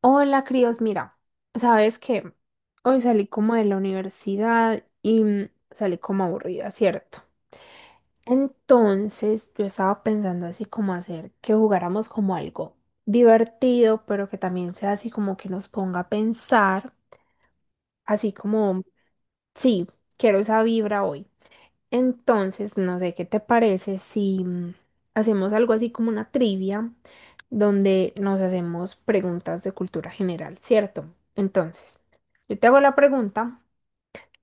Hola, críos, mira, sabes que hoy salí como de la universidad y salí como aburrida, ¿cierto? Entonces yo estaba pensando así como hacer que jugáramos como algo divertido, pero que también sea así como que nos ponga a pensar, así como, sí, quiero esa vibra hoy. Entonces, no sé qué te parece si hacemos algo así como una trivia donde nos hacemos preguntas de cultura general, ¿cierto? Entonces, yo te hago la pregunta,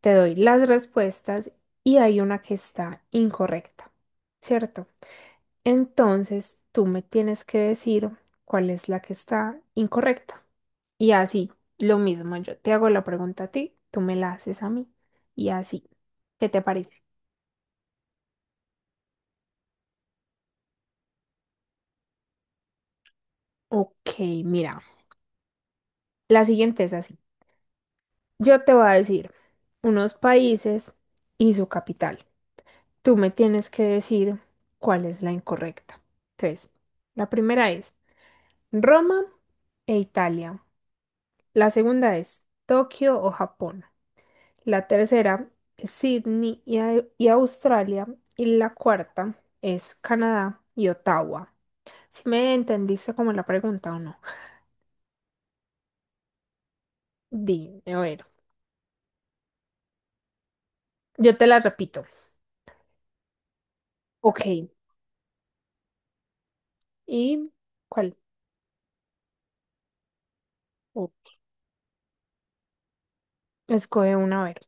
te doy las respuestas y hay una que está incorrecta, ¿cierto? Entonces, tú me tienes que decir cuál es la que está incorrecta. Y así, lo mismo, yo te hago la pregunta a ti, tú me la haces a mí y así. ¿Qué te parece? Ok, mira. La siguiente es así. Yo te voy a decir unos países y su capital. Tú me tienes que decir cuál es la incorrecta. Entonces, la primera es Roma e Italia. La segunda es Tokio o Japón. La tercera es Sydney y, Australia. Y la cuarta es Canadá y Ottawa. Si me entendiste como la pregunta o no. Dime, a ver, yo te la repito. Ok. ¿Y cuál? Escoge una, a ver.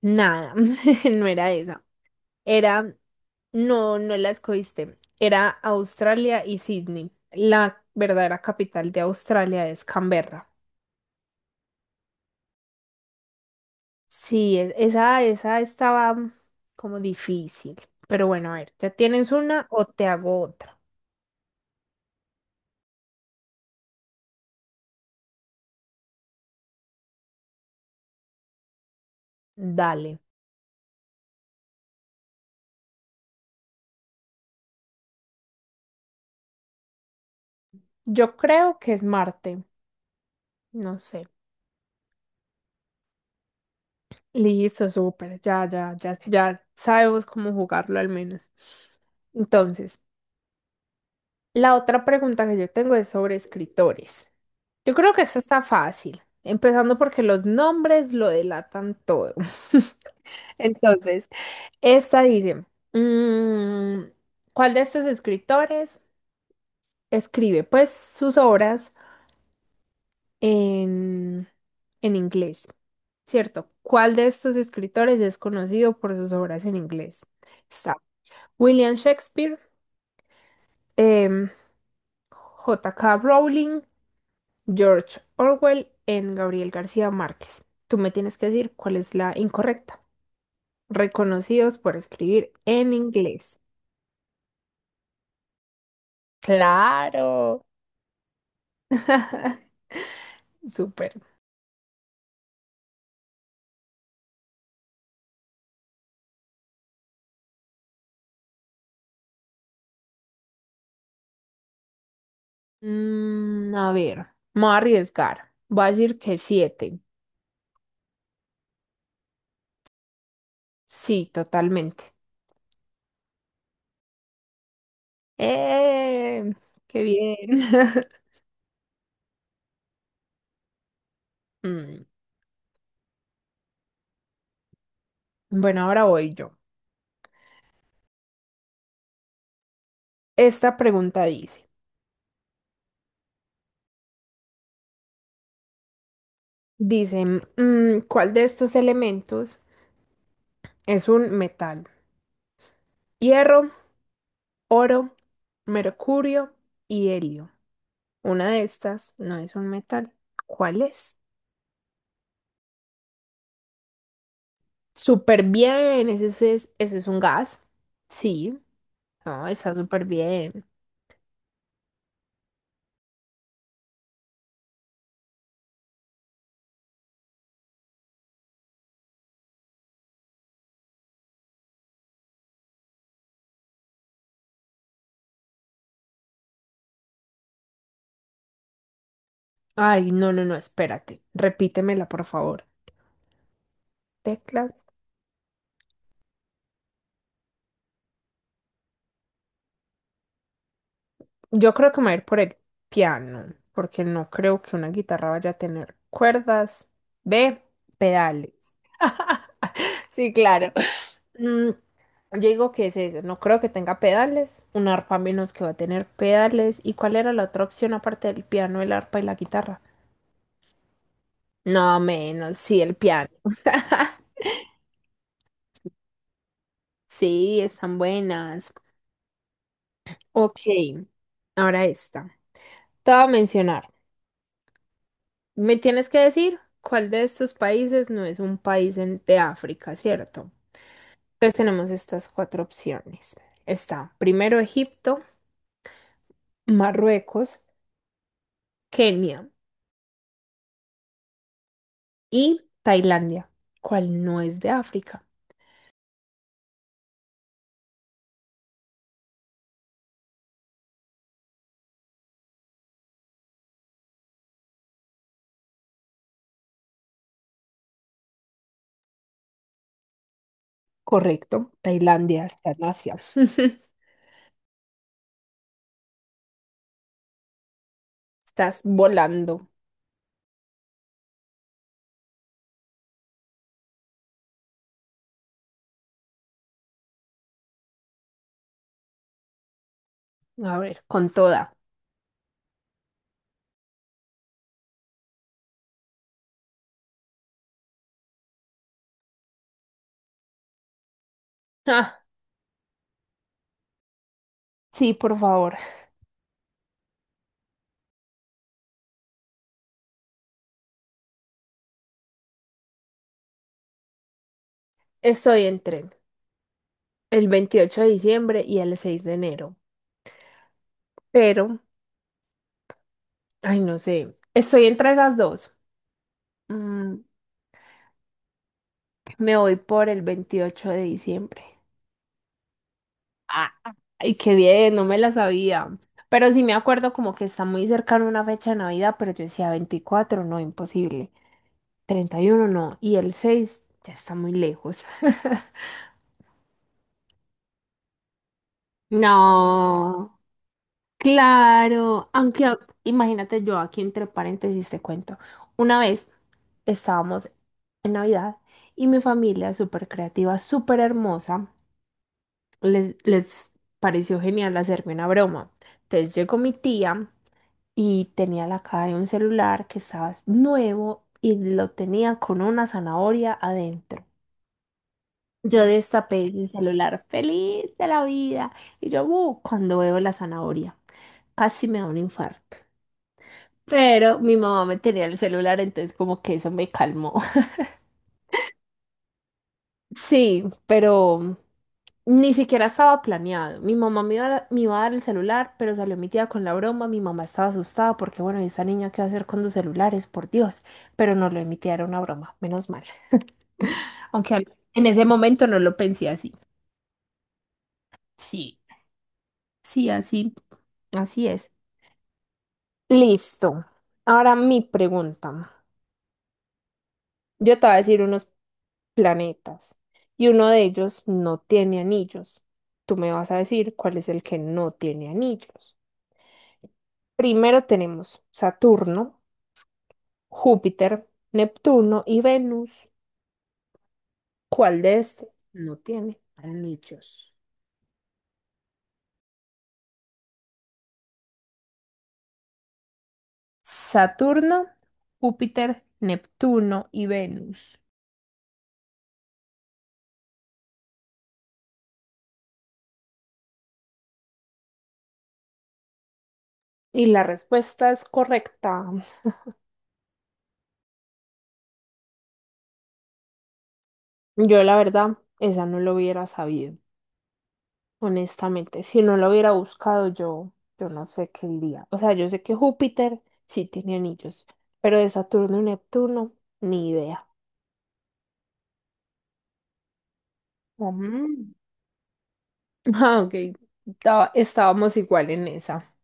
Nada, no era esa. Era, no, no la escogiste. Era Australia y Sydney. La verdadera capital de Australia es Canberra. Sí, esa, esa estaba como difícil. Pero bueno, a ver, ¿ya tienes una o te hago otra? Dale. Yo creo que es Marte. No sé. Listo, súper. Ya sabemos cómo jugarlo al menos. Entonces. La otra pregunta que yo tengo es sobre escritores. Yo creo que esta está fácil, empezando porque los nombres lo delatan todo. Entonces, esta dice, mm, ¿cuál de estos escritores escribe pues sus obras en, en inglés? ¿Cierto? ¿Cuál de estos escritores es conocido por sus obras en inglés? Está William Shakespeare, em, J.K. Rowling, George Orwell en Gabriel García Márquez. Tú me tienes que decir cuál es la incorrecta. Reconocidos por escribir en inglés. Claro. Súper. A ver, me voy a arriesgar. Voy a decir que 7. Sí, totalmente. ¡Eh! ¡Qué bien! Mm. Bueno, ahora voy yo. Esta pregunta dice, ¿cuál de estos elementos es un metal? Hierro, oro, mercurio y helio. Una de estas no es un metal. ¿Cuál es? Súper bien, eso es un gas. Sí, no, está súper bien. Ay, no, espérate. Repítemela, por favor. Teclas. Yo creo que me voy a ir por el piano, porque no creo que una guitarra vaya a tener cuerdas. Ve. Pedales. Sí, claro. Mm. Yo digo que es eso, no creo que tenga pedales, un arpa menos que va a tener pedales. ¿Y cuál era la otra opción aparte del piano, el arpa y la guitarra? No, menos, sí, el piano. Sí, están buenas. Ok, ahora esta. Te voy a mencionar. Me tienes que decir cuál de estos países no es un país de África, ¿cierto? Entonces tenemos estas cuatro opciones. Está primero Egipto, Marruecos, Kenia y Tailandia, cual no es de África. Correcto, Tailandia está en Asia. Estás volando. A ver, con toda. Ah, sí, por favor. Estoy en tren el 28 de diciembre y el 6 de enero. Pero, ay, no sé. Estoy entre esas dos. Mm, me voy por el 28 de diciembre. Ah, ay, qué bien, no me la sabía. Pero sí me acuerdo como que está muy cercana una fecha de Navidad, pero yo decía 24, no, imposible. 31, no, y el 6 ya está muy lejos. No, claro, imagínate, yo aquí entre paréntesis te cuento, una vez estábamos en Navidad y mi familia súper creativa, súper hermosa, les pareció genial hacerme una broma. Entonces llegó mi tía y tenía la caja de un celular que estaba nuevo y lo tenía con una zanahoria adentro. Yo destapé el celular, feliz de la vida. Y yo, cuando veo la zanahoria, casi me da un infarto. Pero mi mamá me tenía el celular, entonces como que eso me calmó. Sí, pero ni siquiera estaba planeado. Mi mamá me iba a dar el celular, pero salió mi tía con la broma. Mi mamá estaba asustada porque, bueno, ¿esa niña qué va a hacer con dos celulares? Por Dios. Pero no, lo de mi tía era una broma, menos mal. Aunque al- en ese momento no lo pensé así. Sí. Sí, así, así es. Listo. Ahora mi pregunta. Yo te voy a decir unos planetas y uno de ellos no tiene anillos. Tú me vas a decir cuál es el que no tiene anillos. Primero tenemos Saturno, Júpiter, Neptuno y Venus. ¿Cuál de estos no tiene anillos? Saturno, Júpiter, Neptuno y Venus. Y la respuesta es correcta. Yo la verdad, esa no lo hubiera sabido, honestamente. Si no lo hubiera buscado, yo no sé qué diría. O sea, yo sé que Júpiter sí tiene anillos, pero de Saturno y Neptuno, ni idea. Ujú. Ah, ok. Estábamos igual en esa.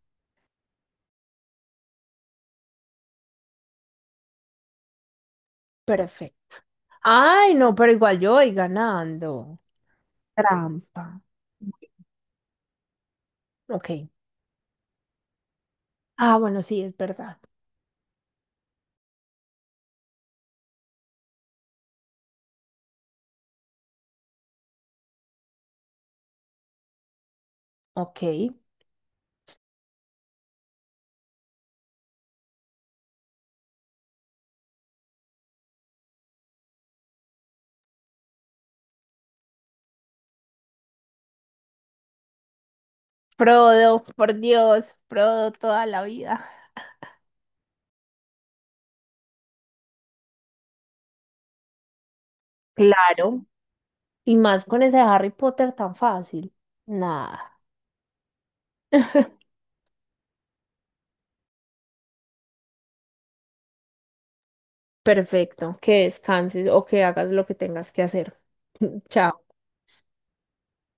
Perfecto. Ay, no, pero igual yo voy ganando. Trampa. Ok. Ah, bueno, sí, es verdad. Ok. Frodo, por Dios, Frodo toda la vida. Claro. Y más con ese Harry Potter tan fácil. Nada. Perfecto. Que descanses o que hagas lo que tengas que hacer. Chao.